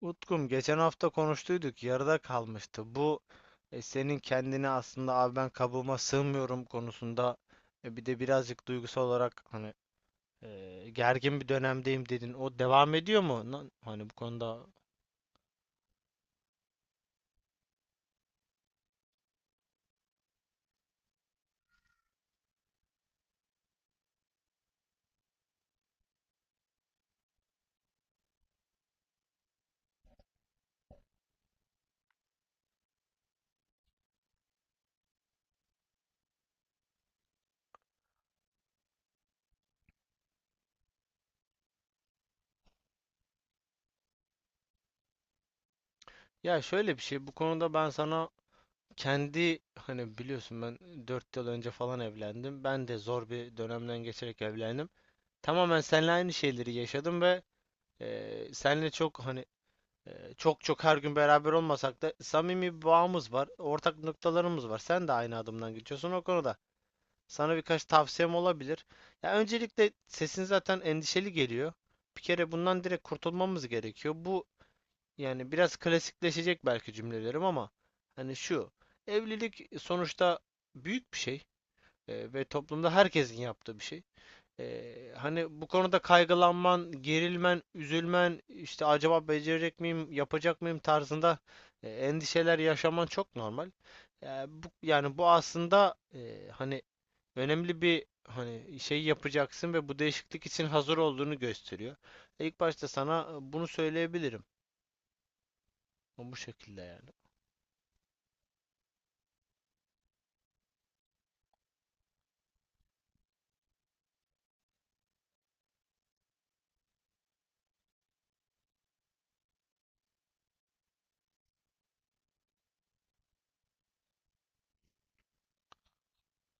Utkum geçen hafta konuştuyduk yarıda kalmıştı. Bu senin kendini aslında abi ben kabuğuma sığmıyorum konusunda bir de birazcık duygusal olarak hani gergin bir dönemdeyim dedin. O devam ediyor mu? Hani bu konuda, ya şöyle bir şey, bu konuda ben sana kendi hani biliyorsun ben 4 yıl önce falan evlendim. Ben de zor bir dönemden geçerek evlendim. Tamamen seninle aynı şeyleri yaşadım ve seninle çok hani çok çok her gün beraber olmasak da samimi bir bağımız var. Ortak noktalarımız var. Sen de aynı adımdan geçiyorsun o konuda. Sana birkaç tavsiyem olabilir. Ya öncelikle sesin zaten endişeli geliyor. Bir kere bundan direkt kurtulmamız gerekiyor. Bu, yani biraz klasikleşecek belki cümlelerim ama hani şu, evlilik sonuçta büyük bir şey ve toplumda herkesin yaptığı bir şey. Hani bu konuda kaygılanman, gerilmen, üzülmen, işte acaba becerecek miyim, yapacak mıyım tarzında endişeler yaşaman çok normal. Yani bu aslında hani önemli bir hani şey yapacaksın ve bu değişiklik için hazır olduğunu gösteriyor. İlk başta sana bunu söyleyebilirim. Bu şekilde yani.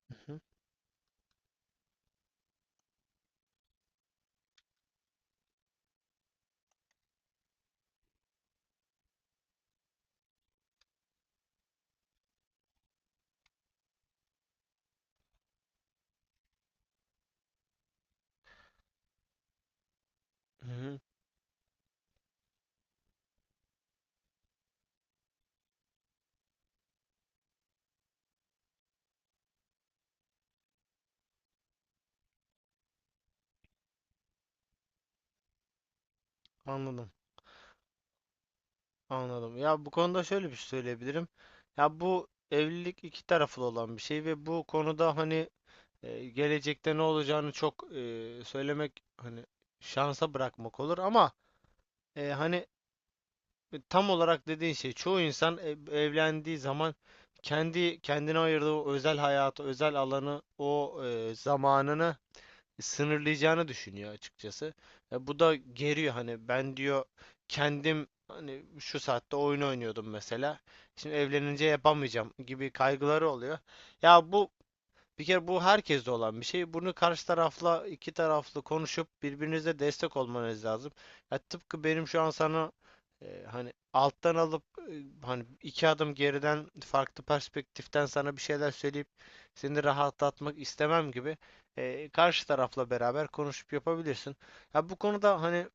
Hı hı, hı hı. Anladım. Anladım. Ya bu konuda şöyle bir şey söyleyebilirim. Ya bu evlilik iki taraflı olan bir şey ve bu konuda hani, gelecekte ne olacağını çok söylemek hani şansa bırakmak olur ama hani tam olarak dediğin şey, çoğu insan evlendiği zaman kendi kendine ayırdığı o özel hayatı, özel alanı, o zamanını sınırlayacağını düşünüyor açıkçası. Bu da geriyor, hani ben diyor kendim hani şu saatte oyun oynuyordum mesela. Şimdi evlenince yapamayacağım gibi kaygıları oluyor. Ya bir kere bu herkeste olan bir şey. Bunu karşı tarafla iki taraflı konuşup birbirinize destek olmanız lazım. Ya tıpkı benim şu an sana hani alttan alıp hani iki adım geriden farklı perspektiften sana bir şeyler söyleyip seni rahatlatmak istemem gibi karşı tarafla beraber konuşup yapabilirsin. Ya bu konuda hani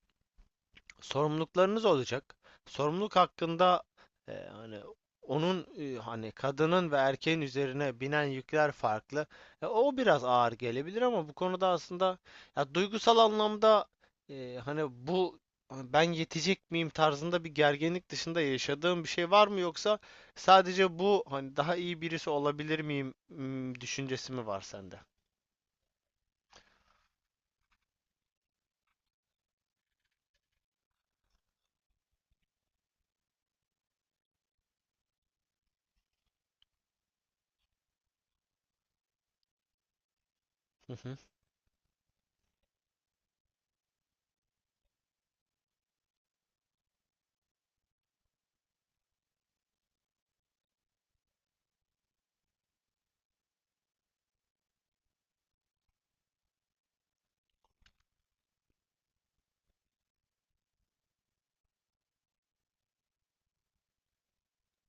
sorumluluklarınız olacak. Sorumluluk hakkında hani onun hani kadının ve erkeğin üzerine binen yükler farklı. O biraz ağır gelebilir ama bu konuda aslında ya duygusal anlamda e, hani bu hani ben yetecek miyim tarzında bir gerginlik dışında yaşadığım bir şey var mı, yoksa sadece bu hani daha iyi birisi olabilir miyim düşüncesi mi var sende? Hı hı.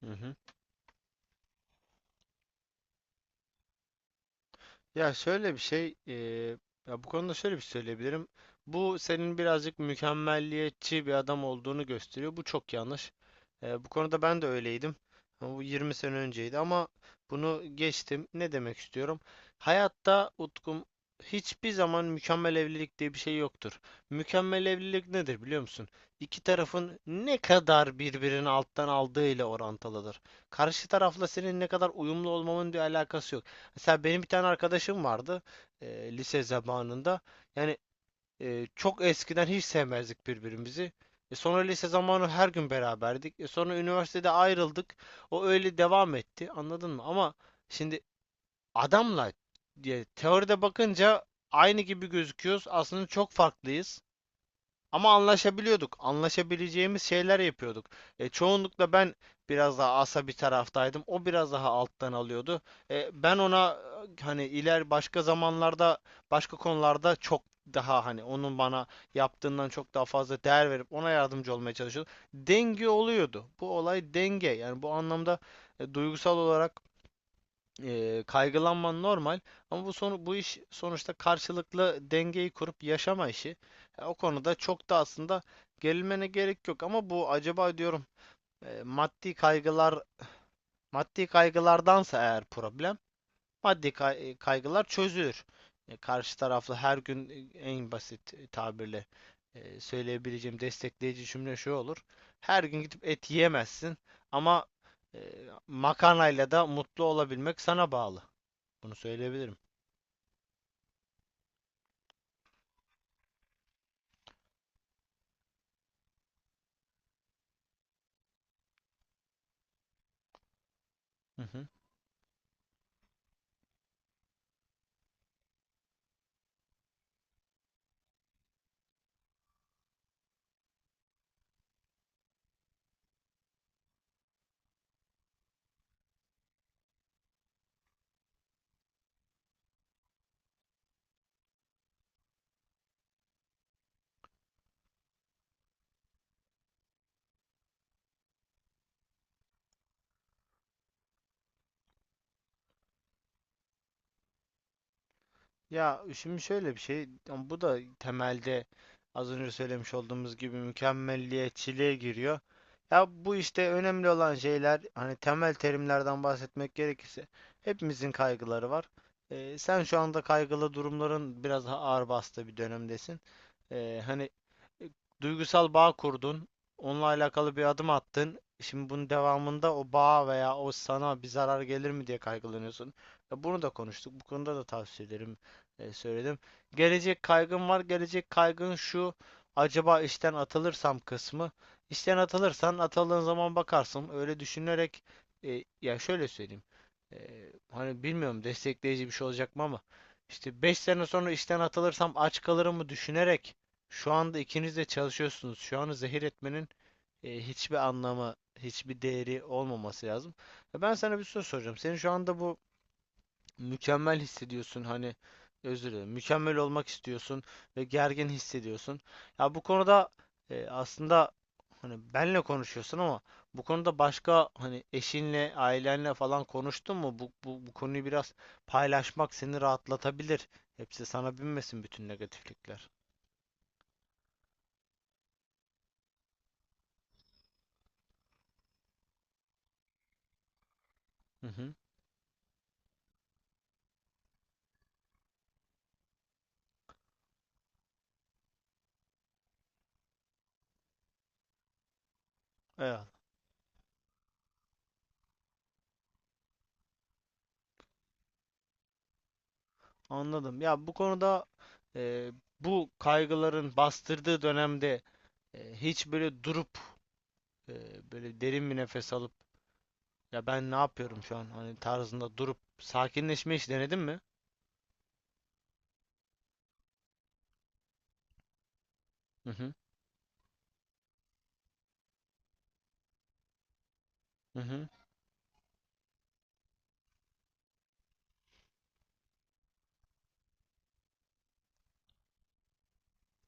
Hı hı. Ya şöyle bir şey, e, Ya bu konuda şöyle bir şey söyleyebilirim. Bu senin birazcık mükemmelliyetçi bir adam olduğunu gösteriyor. Bu çok yanlış. Bu konuda ben de öyleydim. Ama bu 20 sene önceydi ama bunu geçtim. Ne demek istiyorum? Hayatta Utkum hiçbir zaman mükemmel evlilik diye bir şey yoktur. Mükemmel evlilik nedir biliyor musun? İki tarafın ne kadar birbirini alttan aldığı ile orantılıdır. Karşı tarafla senin ne kadar uyumlu olmanın bir alakası. Mesela benim bir tane arkadaşım vardı lise zamanında. Yani çok eskiden hiç sevmezdik birbirimizi. Sonra lise zamanı her gün beraberdik. Sonra üniversitede ayrıldık. O öyle devam etti. Anladın mı? Ama şimdi adamla diye teoride bakınca aynı gibi gözüküyoruz. Aslında çok farklıyız. Ama anlaşabiliyorduk. Anlaşabileceğimiz şeyler yapıyorduk. Çoğunlukla ben biraz daha asa bir taraftaydım. O biraz daha alttan alıyordu. Ben ona hani iler başka zamanlarda başka konularda çok daha hani onun bana yaptığından çok daha fazla değer verip ona yardımcı olmaya çalışıyordum. Denge oluyordu. Bu olay denge. Yani bu anlamda duygusal olarak kaygılanman normal ama bu iş sonuçta karşılıklı dengeyi kurup yaşama işi. Ya o konuda çok da aslında gerilmene gerek yok ama bu acaba diyorum, maddi kaygılar, maddi kaygılardansa, eğer problem maddi kaygılar, çözülür. Karşı taraflı her gün en basit tabirle söyleyebileceğim destekleyici cümle şu olur. Her gün gidip et yiyemezsin ama e, makarnayla da mutlu olabilmek sana bağlı. Bunu söyleyebilirim. Hı hı. Ya şimdi şöyle bir şey, ama bu da temelde az önce söylemiş olduğumuz gibi mükemmelliyetçiliğe giriyor. Ya bu işte önemli olan şeyler, hani temel terimlerden bahsetmek gerekirse, hepimizin kaygıları var. Sen şu anda kaygılı durumların biraz daha ağır bastığı bir dönemdesin. Ee, hani e, Duygusal bağ kurdun, onunla alakalı bir adım attın. Şimdi bunun devamında o bağ veya o sana bir zarar gelir mi diye kaygılanıyorsun. Ya bunu da konuştuk. Bu konuda da tavsiye ederim, söyledim. Gelecek kaygım var. Gelecek kaygın şu. Acaba işten atılırsam kısmı. İşten atılırsan, atıldığın zaman bakarsın. Öyle düşünerek, ya şöyle söyleyeyim. E, Hani bilmiyorum destekleyici bir şey olacak mı ama işte 5 sene sonra işten atılırsam aç kalırım mı düşünerek, şu anda ikiniz de çalışıyorsunuz. Şu anı zehir etmenin hiçbir anlamı, hiçbir değeri olmaması lazım. Ben sana bir soru soracağım. Senin şu anda bu mükemmel hissediyorsun, hani özür dilerim mükemmel olmak istiyorsun ve gergin hissediyorsun. Ya bu konuda aslında hani benle konuşuyorsun ama bu konuda başka hani eşinle, ailenle falan konuştun mu? Bu konuyu biraz paylaşmak seni rahatlatabilir. Hepsi sana binmesin bütün negatiflikler. Hı hı. Evet, anladım. Ya bu konuda e, bu kaygıların bastırdığı dönemde hiç böyle durup e, böyle derin bir nefes alıp, ya ben ne yapıyorum şu an, hani tarzında durup sakinleşme hiç denedin mi? Hı hı. Hı hı.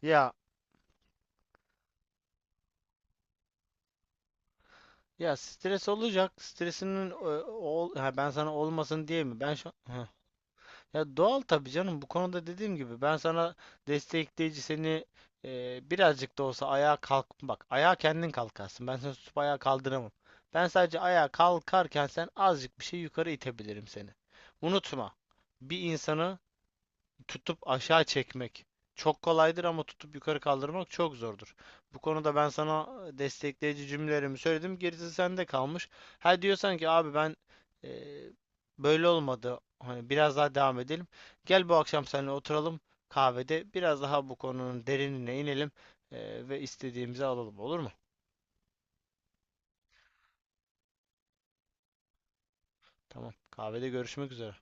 Ya ya stres olacak. Stresinin ben sana olmasın diye mi? Ben şu. Hı. Ya doğal tabii canım. Bu konuda dediğim gibi ben sana destekleyici, seni birazcık da olsa ayağa kalk bak. Ayağa kendin kalkarsın. Ben seni tutup ayağa kaldıramam. Ben sadece ayağa kalkarken sen azıcık bir şey yukarı itebilirim seni. Unutma. Bir insanı tutup aşağı çekmek çok kolaydır ama tutup yukarı kaldırmak çok zordur. Bu konuda ben sana destekleyici cümlelerimi söyledim. Gerisi sende kalmış. Ha diyorsan ki abi ben e, böyle olmadı, hani biraz daha devam edelim, gel bu akşam seninle oturalım kahvede. Biraz daha bu konunun derinine inelim ve istediğimizi alalım. Olur mu? Tamam. Kahvede görüşmek üzere.